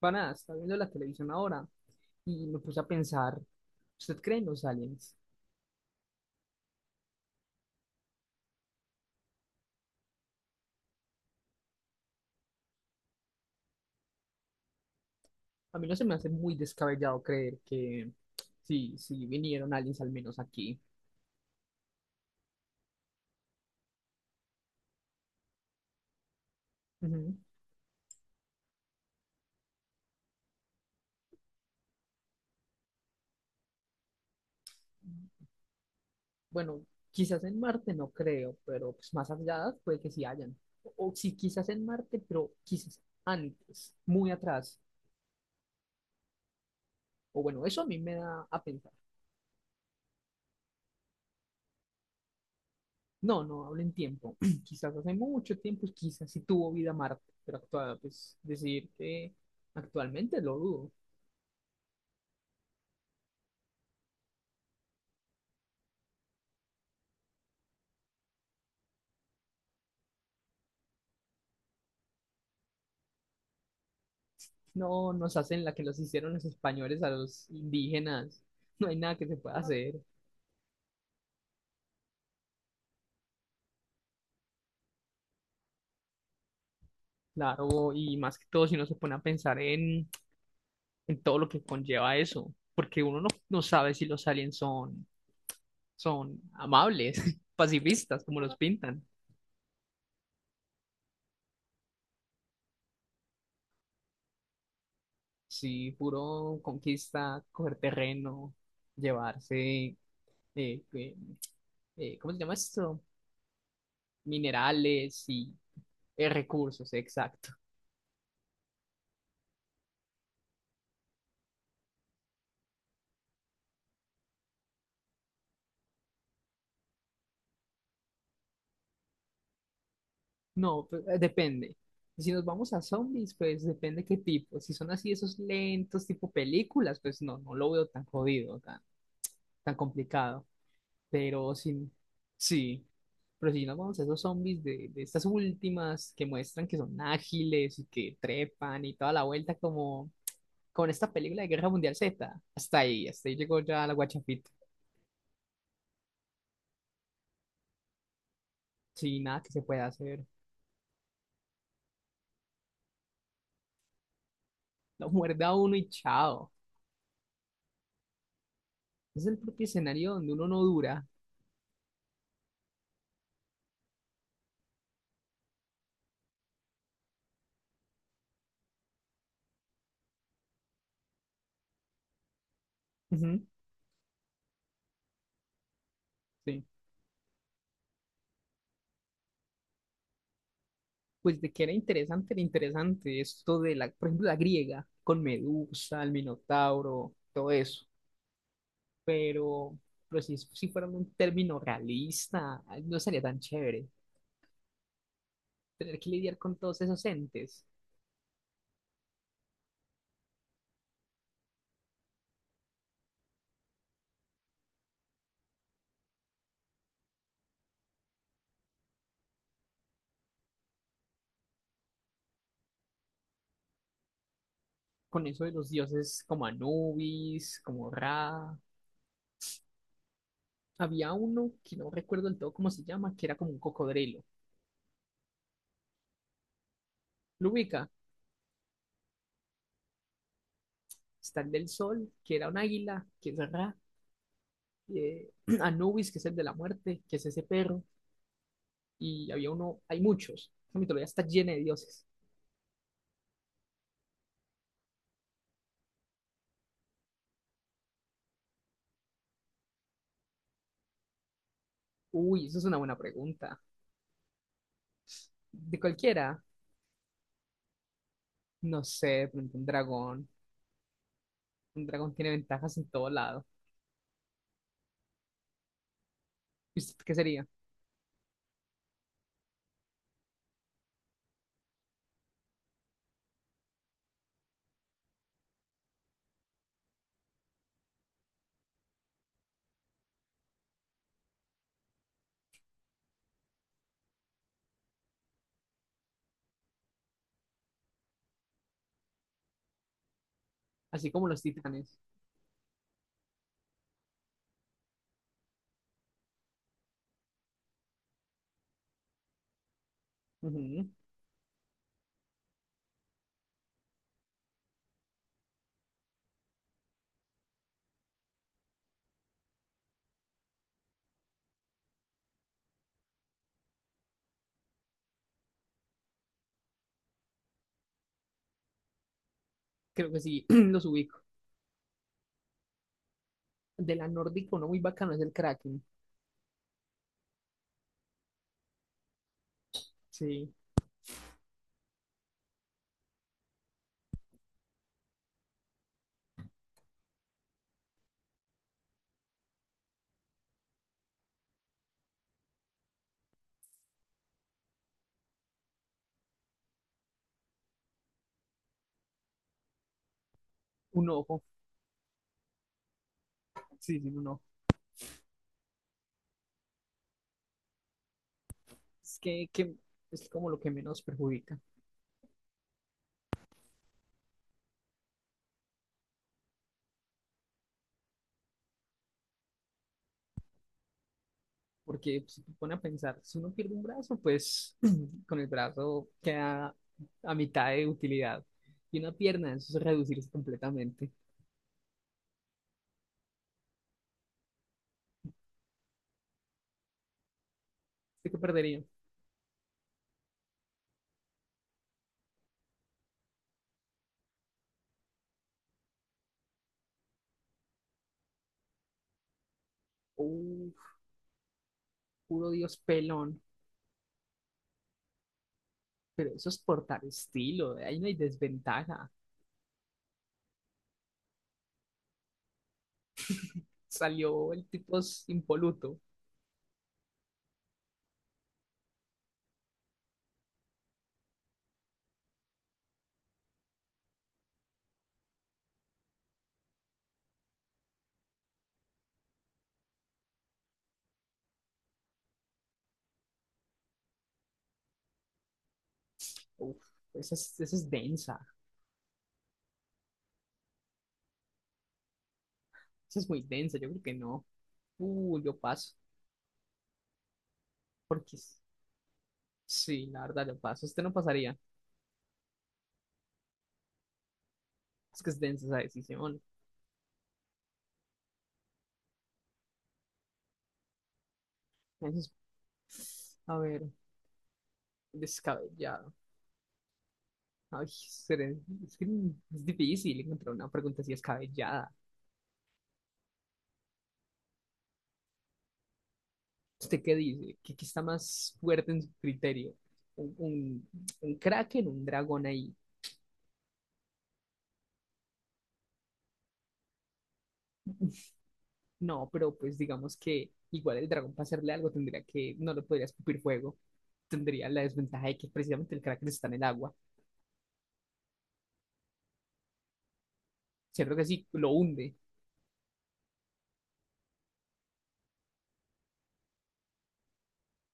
Para, estaba viendo la televisión ahora y me puse a pensar, ¿usted cree en los aliens? A mí no se me hace muy descabellado creer que sí, sí vinieron aliens al menos aquí. Ujú. Bueno, quizás en Marte no creo, pero pues más allá puede que sí hayan. O, si sí, quizás en Marte, pero quizás antes, muy atrás. O bueno, eso a mí me da a pensar. No, no hablo en tiempo. Quizás hace mucho tiempo, quizás sí tuvo vida Marte, pero actual, pues decir que actualmente lo dudo. No, nos hacen la que los hicieron los españoles a los indígenas. No hay nada que se pueda hacer, claro, y más que todo si uno se pone a pensar en todo lo que conlleva eso, porque uno no, no sabe si los aliens son, son amables, pacifistas, como los pintan. Sí, puro conquista, coger terreno, llevarse, eh, eh, ¿cómo se llama esto? Minerales y recursos, exacto. No, pues, depende. Si nos vamos a zombies, pues depende qué tipo. Si son así esos lentos, tipo películas, pues no, no lo veo tan jodido, tan complicado. Pero si, sí, pero si nos vamos a esos zombies de estas últimas que muestran que son ágiles y que trepan y toda la vuelta como con esta película de Guerra Mundial Z, hasta ahí llegó ya la guachafita. Sí, nada que se pueda hacer. Lo muerde a uno y chao. Es el propio escenario donde uno no dura. Ujú, sí. Pues de que era interesante esto de la, por ejemplo, la griega, con Medusa, el Minotauro, todo eso. Pero, pero si, si fuera un término realista, no sería tan chévere tener que lidiar con todos esos entes, con eso de los dioses como Anubis, como Ra. Había uno que no recuerdo del todo cómo se llama, que era como un cocodrilo. Lo ubica, está el del sol, que era un águila, que es Ra, eh, Anubis, que es el de la muerte, que es ese perro y había uno, hay muchos. La mitología está llena de dioses. Uy, eso es una buena pregunta. De cualquiera, no sé, de pronto un dragón. Un dragón tiene ventajas en todo lado. ¿Y usted qué sería? Así como los titanes. Ujú, creo que sí, los ubico. De la nórdica, uno muy bacano es el Kraken. Sí, un ojo. Sí, sí, un ojo. Es que es como lo que menos perjudica. Porque si te pone a pensar, si uno pierde un brazo, pues con el brazo queda a mitad de utilidad. Y una pierna, eso es reducirse completamente. ¿Usted qué perdería? Uf, puro Dios pelón. Pero eso es portar estilo, ahí no hay desventaja. Salió el tipo es impoluto. Uf, esa es densa. Esa es muy densa, yo creo que no. Yo paso. Porque sí, la verdad, yo paso. Usted no pasaría. Es que es densa esa decisión. Eso es- A ver. Descabellado. Ay, es que es difícil encontrar una pregunta así descabellada. ¿Usted qué dice? ¿Qué está más fuerte en su criterio? ¿Un, un, un kraken, un dragón ahí? No, pero pues digamos que igual el dragón para hacerle algo tendría que, no lo podría escupir fuego. Tendría la desventaja de que precisamente el kraken está en el agua. Cierto que sí, lo hunde.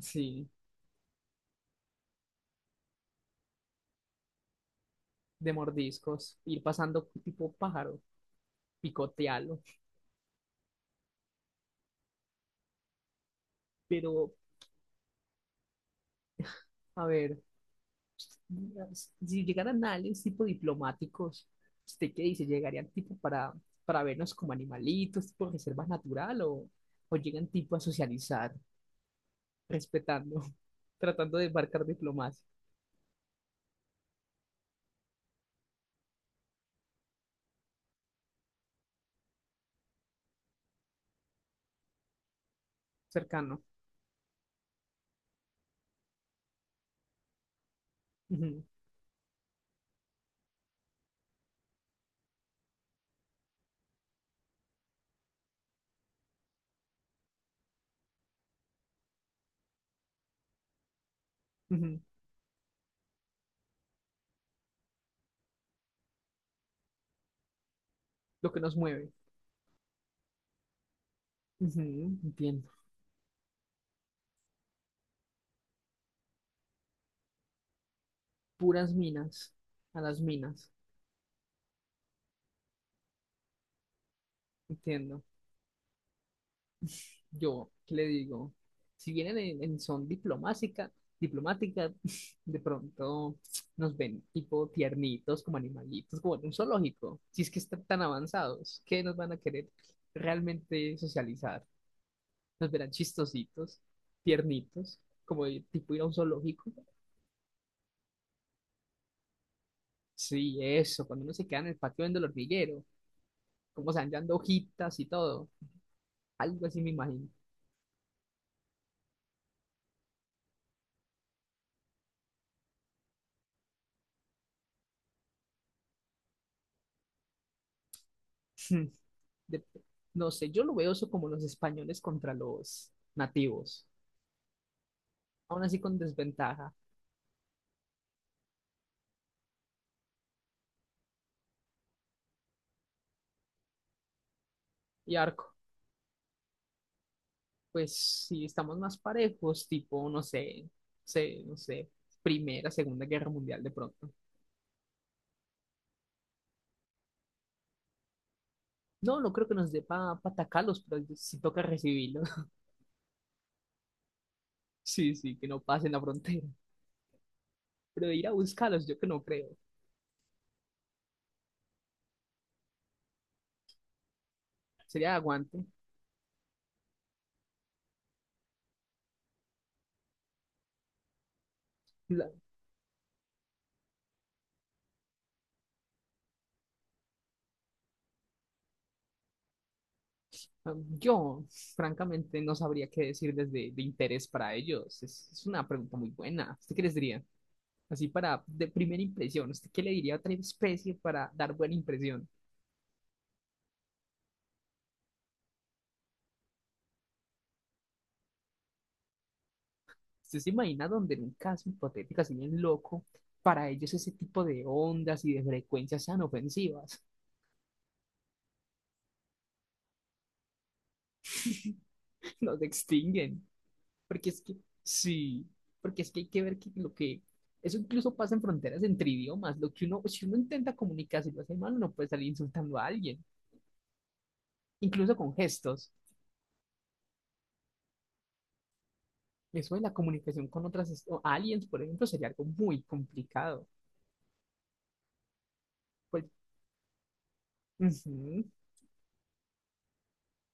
Sí, de mordiscos, ir pasando tipo pájaro, picotearlo. Pero, a ver, si llegaran a aliens tipo diplomáticos, ¿usted qué dice? ¿Llegarían tipo para vernos como animalitos, tipo reserva natural o llegan tipo a socializar, respetando, tratando de embarcar diplomacia cercano? Ujú, ujú, lo que nos mueve. Ujú, entiendo. Puras minas, a las minas, entiendo. Yo, ¿qué le digo? Si vienen en son diplomática, diplomática, de pronto nos ven tipo tiernitos, como animalitos, como en un zoológico. Si es que están tan avanzados, ¿qué nos van a querer realmente socializar? Nos verán chistositos, tiernitos, como de tipo ir a un zoológico. Sí, eso, cuando uno se queda en el patio viendo el hormiguero, como se van dando hojitas y todo. Algo así me imagino. de- no sé, yo lo veo eso como los españoles contra los nativos, aún así con desventaja. Y arco, pues si estamos más parejos, tipo, no sé, sé, no sé, Primera, Segunda Guerra Mundial de pronto. No, no creo que nos dé para atacarlos, pero sí toca recibirlos. Sí, sí, que no pasen la frontera. Pero ir a buscarlos, yo que no creo. Sería aguante. La- yo, francamente, no sabría qué decir desde de interés para ellos. Es una pregunta muy buena. ¿Usted qué les diría? Así para, de primera impresión, ¿usted qué le diría a otra especie para dar buena impresión? ¿Usted se imagina donde en un caso hipotético así bien loco, para ellos ese tipo de ondas y de frecuencias sean ofensivas? Nos extinguen. Porque es que, sí, porque es que hay que ver que lo que, eso incluso pasa en fronteras entre idiomas, lo que uno, si uno intenta comunicarse y lo hace mal, uno puede salir insultando a alguien, incluso con gestos. Eso de la comunicación con otras o aliens, por ejemplo, sería algo muy complicado. Pues, ujú.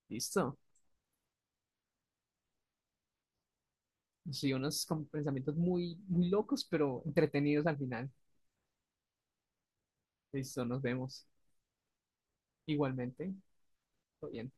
Listo. Sí, unos como pensamientos muy, muy locos, pero entretenidos al final. Listo, nos vemos. Igualmente. Todo bien.